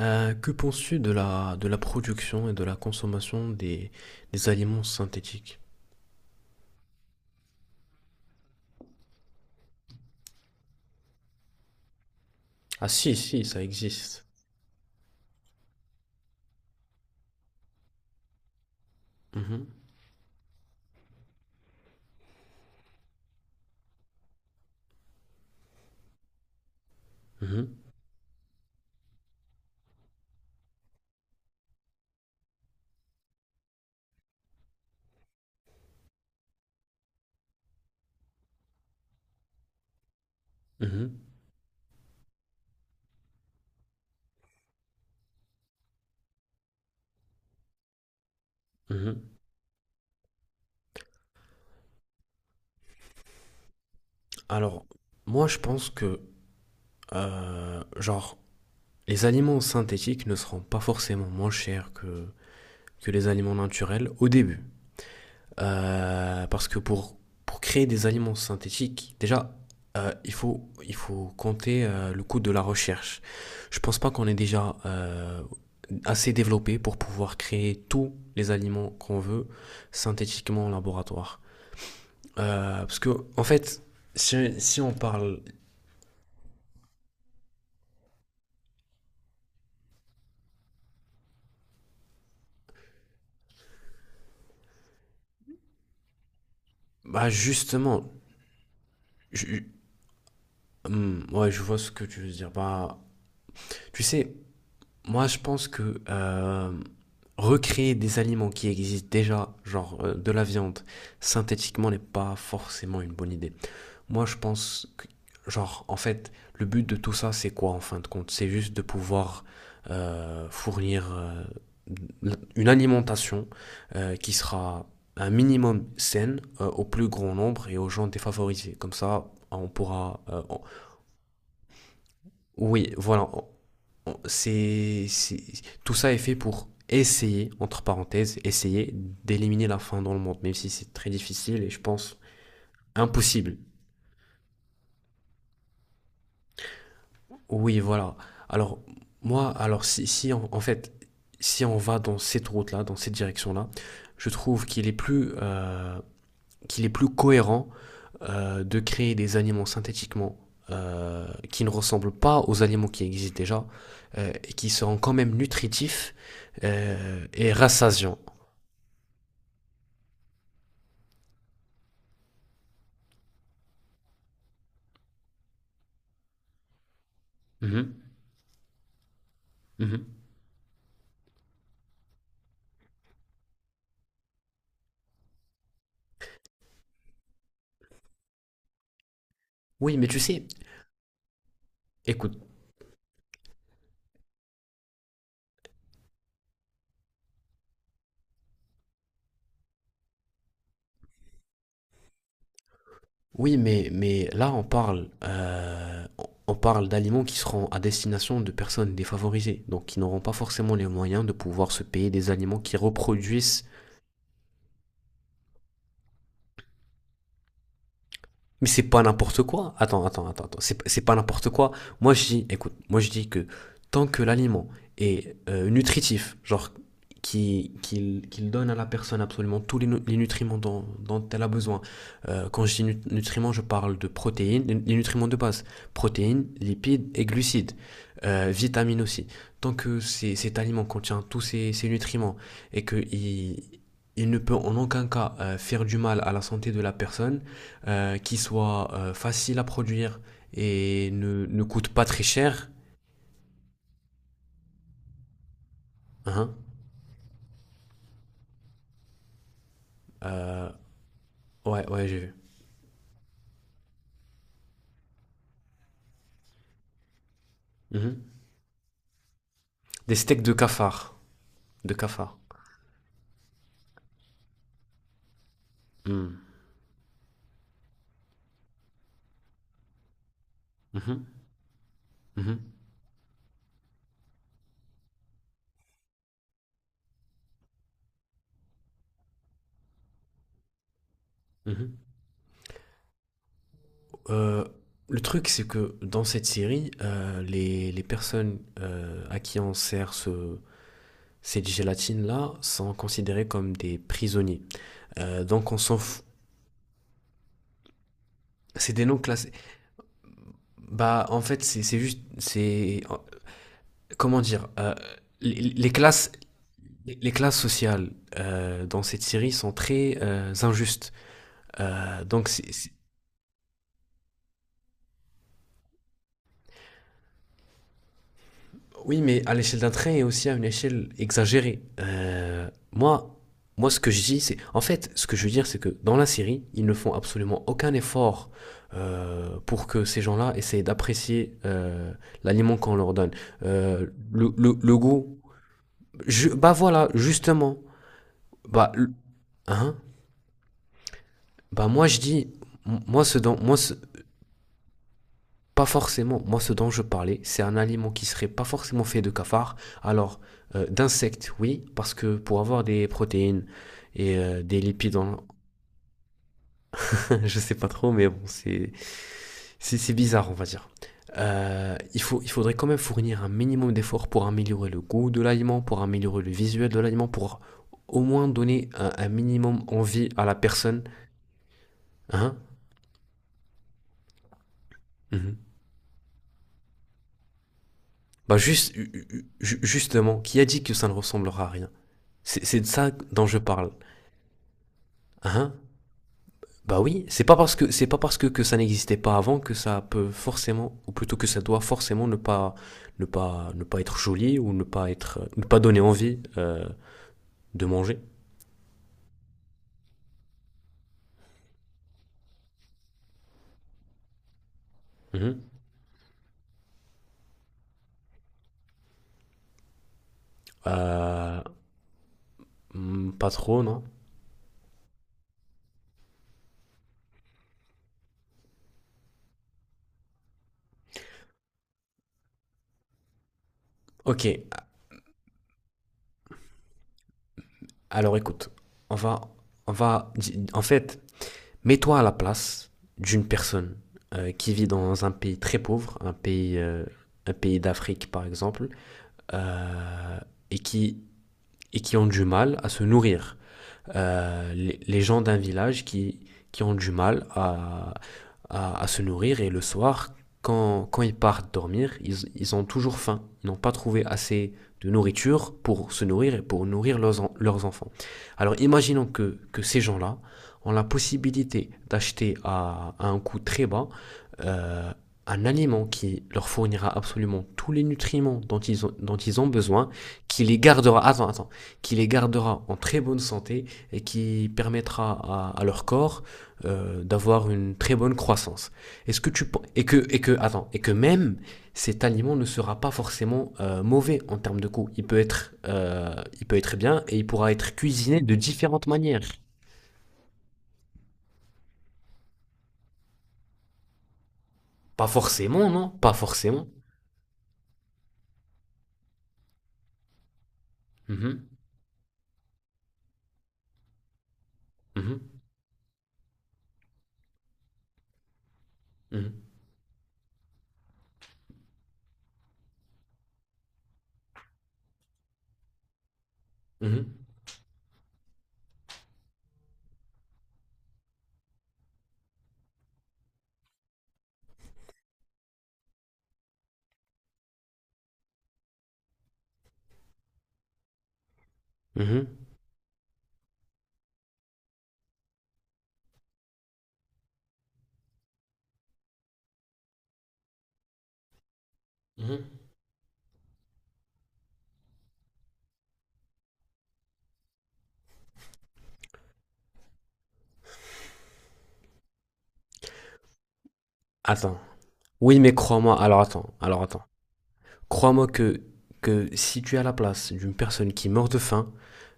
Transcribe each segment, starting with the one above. Que penses-tu de la production et de la consommation des aliments synthétiques? Ah si, si, ça existe. Mhm, mhm, mhm, mhm. Alors, moi je pense que, genre, les aliments synthétiques ne seront pas forcément moins chers que les aliments naturels au début. Parce que pour créer des aliments synthétiques, déjà, il faut compter le coût de la recherche. Je pense pas qu'on est déjà assez développé pour pouvoir créer tous les aliments qu'on veut synthétiquement en laboratoire. Parce que, en fait, si on parle. Bah, justement. je- ouais, je vois ce que tu veux dire. Bah, tu sais, moi, je pense que recréer des aliments qui existent déjà, genre de la viande, synthétiquement, n'est pas forcément une bonne idée. Moi, je pense que, genre, en fait, le but de tout ça, c'est quoi en fin de compte? C'est juste de pouvoir fournir une alimentation qui sera un minimum saine au plus grand nombre et aux gens défavorisés. Comme ça, on pourra. Oui, voilà. C'est, c'est- Tout ça est fait pour essayer, entre parenthèses, essayer d'éliminer la faim dans le monde, même si c'est très difficile et je pense impossible. Oui, voilà. Alors, moi, alors si, si on- en fait, si on va dans cette route-là, dans cette direction-là, je trouve qu'il est plus cohérent de créer des aliments synthétiquement qui ne ressemblent pas aux aliments qui existent déjà et qui seront quand même nutritifs et rassasiants. Mhm, mhm. Oui, mais tu sais, écoute. Oui, mais là, on parle d'aliments qui seront à destination de personnes défavorisées, donc qui n'auront pas forcément les moyens de pouvoir se payer des aliments qui reproduisent. Mais c'est pas n'importe quoi. Attends, attends, attends, attends. C'est pas n'importe quoi. Moi, je dis, écoute, moi, je dis que tant que l'aliment est nutritif, genre qu'il donne à la personne absolument les nutriments dont elle a besoin. Quand je dis nutriments, je parle de protéines, les nutriments de base, protéines, lipides et glucides, vitamines aussi. Tant que cet aliment contient ces nutriments et que il ne peut en aucun cas faire du mal à la santé de la personne, qui soit facile à produire et ne coûte pas très cher. Hein. Euh, ouais, ouais, j'ai vu. Mhm. Des steaks de cafard. De cafard. Mm. Mhm. Mhm. Mhm. Euh, le truc, c'est que dans cette série, les personnes à qui on sert cette gélatine-là sont considérées comme des prisonniers. Donc on s'en fout. C'est des noms classés. Bah, en fait, c'est juste. C'est. Comment dire les, les classes Les classes sociales dans cette série sont très injustes. Euh, donc, c'est- c'est- oui, mais à l'échelle d'un train et aussi à une échelle exagérée. Moi, ce que je dis, c'est. En fait, ce que je veux dire, c'est que dans la série, ils ne font absolument aucun effort pour que ces gens-là essayent d'apprécier l'aliment qu'on leur donne. Euh, le goût. Bah voilà, justement. Bah, le- hein, Bah moi, je dis. M- Moi, ce dont, moi, ce- Pas forcément, moi ce dont je parlais, c'est un aliment qui serait pas forcément fait de cafards, alors d'insectes, oui, parce que pour avoir des protéines et des lipides, en... Je sais pas trop, mais bon, c'est bizarre, on va dire. Il faudrait quand même fournir un minimum d'efforts pour améliorer le goût de l'aliment, pour améliorer le visuel de l'aliment, pour au moins donner un minimum envie à la personne. Hein. Mhm. Bah juste, justement, qui a dit que ça ne ressemblera à rien? C'est c'est de ça dont je parle. Hein. Bah oui, c'est pas parce que ça n'existait pas avant que ça peut forcément, ou plutôt que ça doit forcément ne pas être joli ou ne pas donner envie de manger. Mhm. Euh, hmm, pas trop, non? Ok. Alors écoute, on va on va en fait mets-toi à la place d'une personne qui vit dans un pays très pauvre, un pays d'Afrique par exemple, euh, et qui ont du mal à se nourrir les gens d'un village qui ont du mal à se nourrir et le soir, quand ils partent dormir, ils ont toujours faim. Ils n'ont pas trouvé assez de nourriture pour se nourrir et pour nourrir leurs enfants. Alors imaginons que ces gens-là ont la possibilité d'acheter à un coût très bas euh, un aliment qui leur fournira absolument tous les nutriments dont ils ont besoin, qui les gardera, attends, attends, qui les gardera en très bonne santé et qui permettra à leur corps d'avoir une très bonne croissance. Est-ce que tu pen- et que attends et que même cet aliment ne sera pas forcément mauvais en termes de goût. Il peut être bien et il pourra être cuisiné de différentes manières. Pas forcément, non? Pas forcément. Mhm, mhm, mhm, mhm, mhm, mhm. Attends. Oui, mais crois-moi. Alors attends. Alors attends. Crois-moi que si tu es à la place d'une personne qui meurt de faim.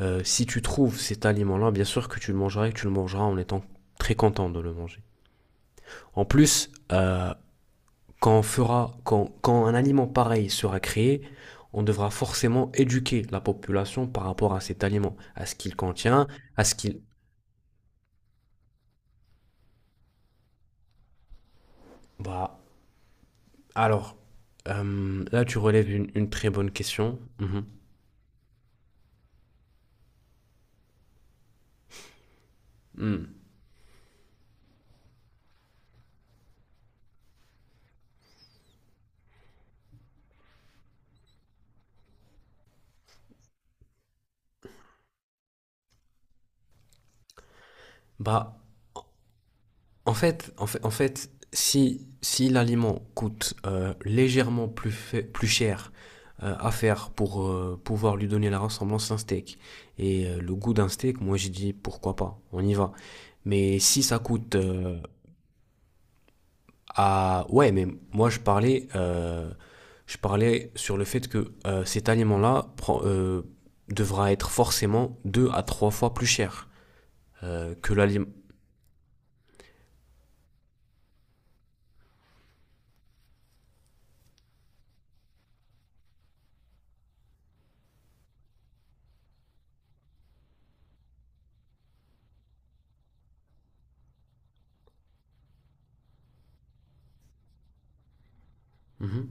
Si tu trouves cet aliment-là, bien sûr que tu le mangeras et que tu le mangeras en étant très content de le manger. En plus, quand, on fera, quand, quand un aliment pareil sera créé, on devra forcément éduquer la population par rapport à cet aliment, à ce qu'il contient, à ce qu'il... Bah, alors, là tu relèves une très bonne question. Mhm. Mm. Bah, en fait, en fait si, si l'aliment coûte plus cher à faire pour pouvoir lui donner la ressemblance d'un steak et le goût d'un steak, moi j'ai dit pourquoi pas, on y va. Mais si ça coûte Ouais, mais moi je parlais sur le fait que devra être forcément deux à trois fois plus cher que l'aliment... Mhm.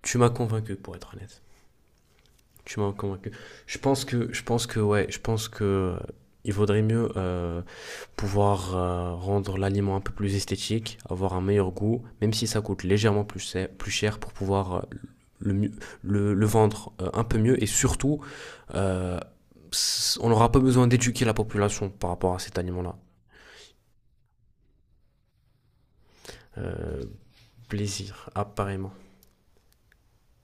Tu m'as convaincu pour être honnête. Tu m'as convaincu. Ouais, je pense que il vaudrait mieux pouvoir rendre l'aliment un peu plus esthétique, avoir un meilleur goût, même si ça coûte légèrement plus cher pour pouvoir le, mieux- le vendre un peu mieux. Et surtout, euh, on n'aura pas besoin d'éduquer la population par rapport à cet aliment-là. Euh, Plaisir, apparemment.